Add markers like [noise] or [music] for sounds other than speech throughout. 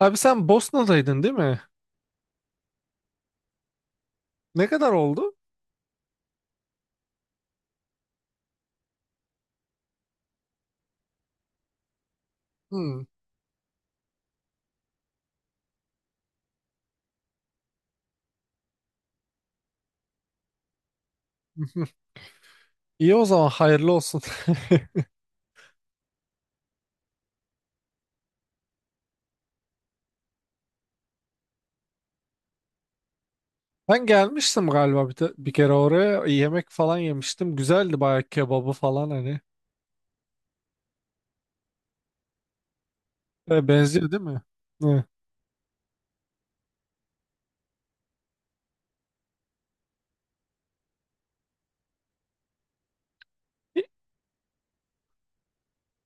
Abi sen Bosna'daydın değil mi? Ne kadar oldu? Hmm. [laughs] İyi o zaman hayırlı olsun. [laughs] Ben gelmiştim galiba bir kere oraya. Yemek falan yemiştim. Güzeldi bayağı kebabı falan hani. E, benziyor değil mi? Hı.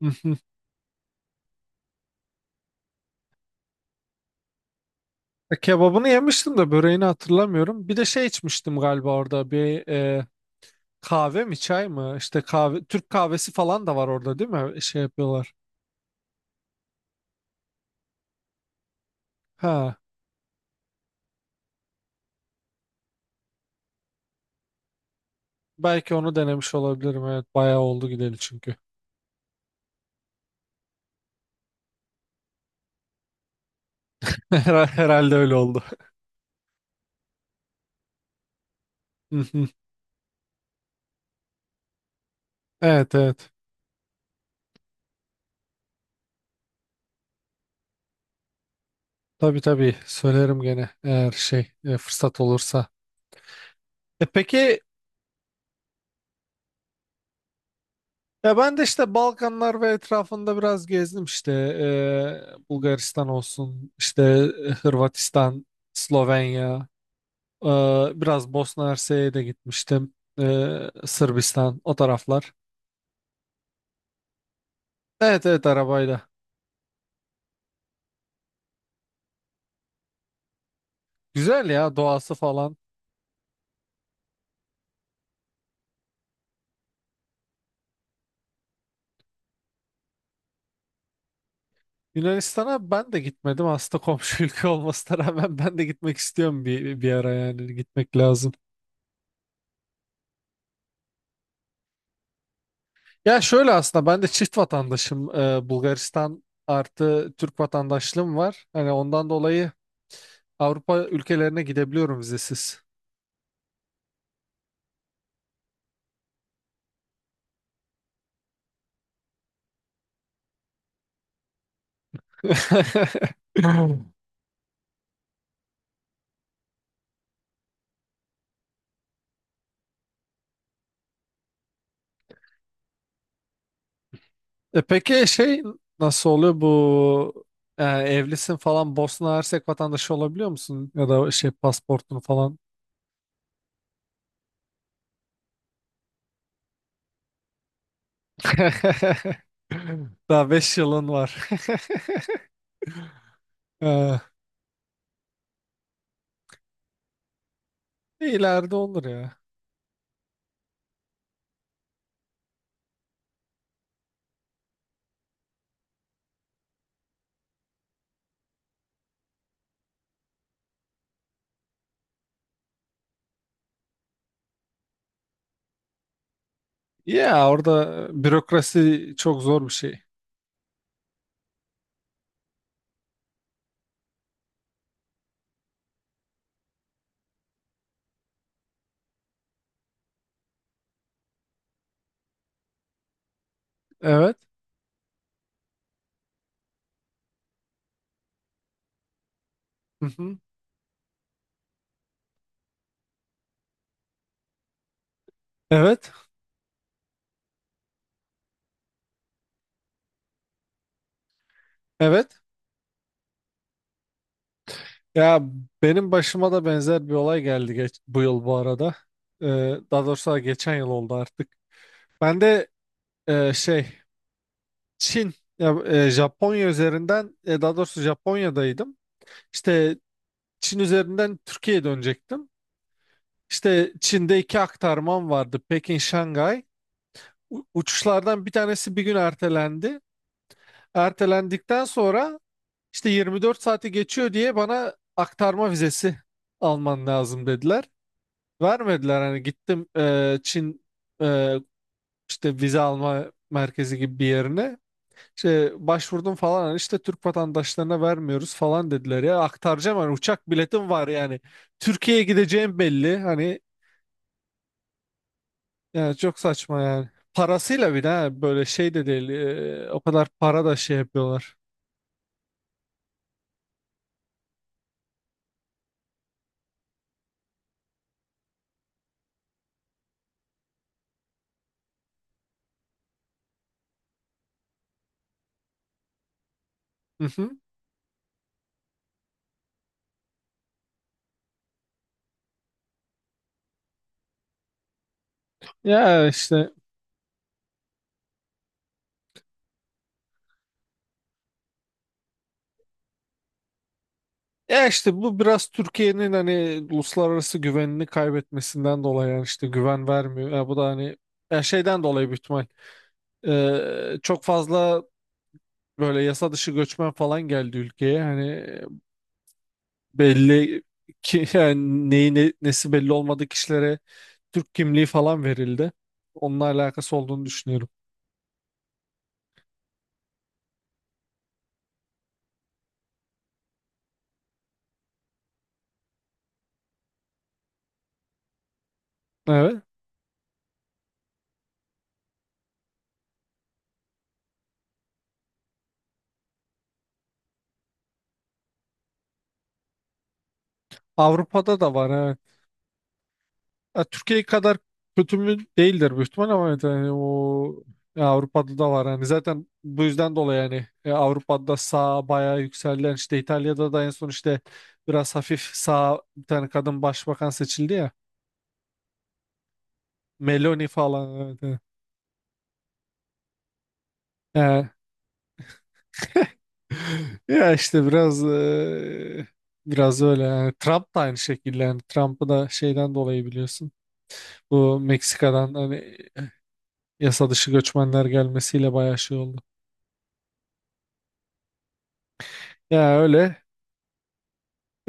[laughs] E, kebabını yemiştim de böreğini hatırlamıyorum. Bir de şey içmiştim galiba orada bir kahve mi çay mı? İşte kahve Türk kahvesi falan da var orada değil mi? E, şey yapıyorlar. Ha, belki onu denemiş olabilirim. Evet, bayağı oldu gidelim çünkü. [laughs] Herhalde öyle oldu. Hı hı. Evet, evet. Tabii, tabii, söylerim gene eğer şey fırsat olursa. E peki, ya ben de işte Balkanlar ve etrafında biraz gezdim işte, Bulgaristan olsun, işte Hırvatistan, Slovenya, e, biraz Bosna Hersek'e de gitmiştim. E, Sırbistan, o taraflar. Evet, evet, arabayla. Güzel ya, doğası falan. Yunanistan'a ben de gitmedim aslında, komşu [laughs] ülke olmasına rağmen ben de gitmek istiyorum bir ara, yani gitmek lazım. Ya şöyle, aslında ben de çift vatandaşım. Bulgaristan artı Türk vatandaşlığım var. Hani ondan dolayı Avrupa ülkelerine gidebiliyorum vizesiz. [laughs] E peki, şey, nasıl oluyor bu evlisin falan, Bosna Hersek vatandaşı olabiliyor musun? Ya da şey, pasaportun falan. [laughs] Daha 5 yılın var. [laughs] E, ileride olur ya. Ya orada bürokrasi çok zor bir şey. Evet. Hı hı. Evet. Evet. Ya benim başıma da benzer bir olay geldi bu yıl bu arada. Ee, Daha doğrusu geçen yıl oldu artık. Ben de şey Çin, ya Japonya üzerinden, daha doğrusu Japonya'daydım. İşte Çin üzerinden Türkiye'ye dönecektim. İşte Çin'de iki aktarmam vardı. Pekin, Şangay. Uçuşlardan bir tanesi bir gün ertelendi. Ertelendikten sonra işte 24 saati geçiyor diye bana aktarma vizesi alman lazım dediler. Vermediler, hani gittim Çin e, işte vize alma merkezi gibi bir yerine. İşte başvurdum falan, hani işte Türk vatandaşlarına vermiyoruz falan dediler. Ya aktaracağım hani, uçak biletim var yani. Türkiye'ye gideceğim belli hani, yani çok saçma yani. Parasıyla bir de ha, böyle şey de değil, o kadar para da şey yapıyorlar. Hı hı. Ya işte Ya işte bu biraz Türkiye'nin hani uluslararası güvenini kaybetmesinden dolayı, yani işte güven vermiyor. Ya bu da hani ya şeyden dolayı büyük ihtimal. Çok fazla böyle yasa dışı göçmen falan geldi ülkeye. Hani belli ki [laughs] yani neyi nesi belli olmadığı kişilere Türk kimliği falan verildi. Onunla alakası olduğunu düşünüyorum. Evet. Avrupa'da da var. Evet. Ya Türkiye kadar kötü mü değildir büyük ihtimal, ama evet yani o, ya Avrupa'da da var hani, zaten bu yüzden dolayı yani, Avrupa'da sağ bayağı yükselen, işte İtalya'da da en son işte biraz hafif sağ bir tane kadın başbakan seçildi ya, Meloni falan, evet, evet. Yani- [laughs] ya işte biraz öyle, yani Trump da aynı şekilde, yani Trump'ı da şeyden dolayı biliyorsun, bu Meksika'dan hani yasa dışı göçmenler gelmesiyle bayağı şey oldu. Ya öyle.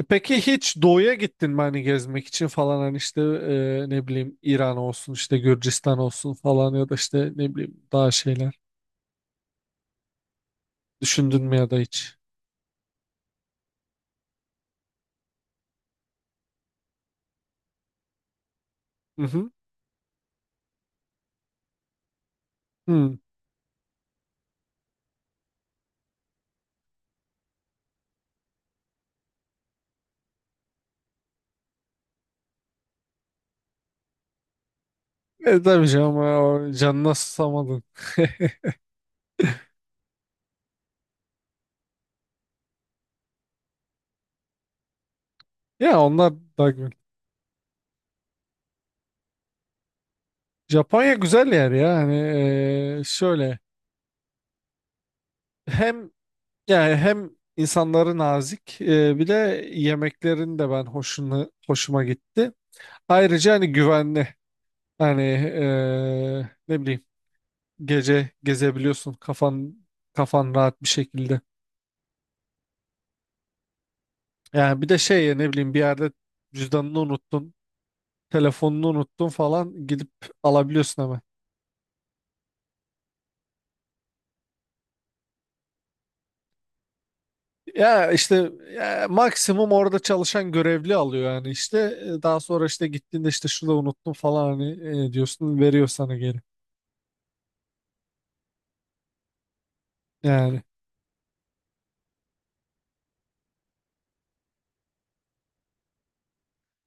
E, peki, hiç doğuya gittin mi hani, gezmek için falan, hani işte ne bileyim İran olsun, işte Gürcistan olsun falan, ya da işte ne bileyim daha şeyler düşündün mü ya da hiç? Hı hı. Hı. E, tabii canım, o canına susamadın. [laughs] Ya onlar daha güzel. Japonya güzel yer ya hani, şöyle, hem, yani hem insanları nazik, bir de yemeklerin de ben hoşuma gitti. Ayrıca hani güvenli hani, ne bileyim gece gezebiliyorsun kafan rahat bir şekilde. Yani bir de şey ya, ne bileyim bir yerde cüzdanını unuttun, telefonunu unuttun falan, gidip alabiliyorsun hemen. Ya işte ya maksimum orada çalışan görevli alıyor, yani işte daha sonra işte gittiğinde işte şurada unuttum falan hani diyorsun, veriyor sana geri. Yani.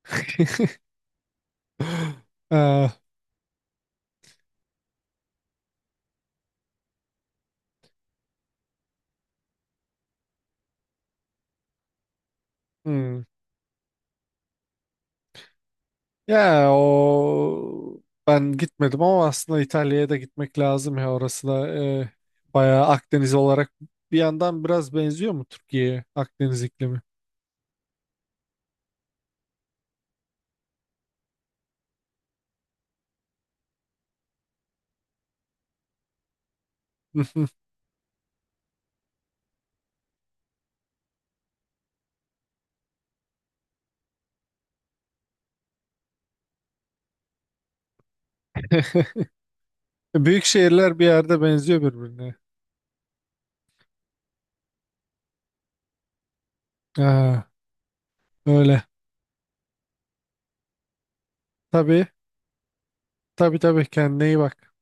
[laughs] Ah, hmm. Ya o ben gitmedim ama aslında İtalya'ya da gitmek lazım, ya orası da bayağı Akdeniz olarak bir yandan biraz benziyor mu Türkiye'ye, Akdeniz iklimi? [laughs] Büyük şehirler bir yerde benziyor birbirine. Ha, öyle. Tabii, tabii, tabii, kendine iyi bak.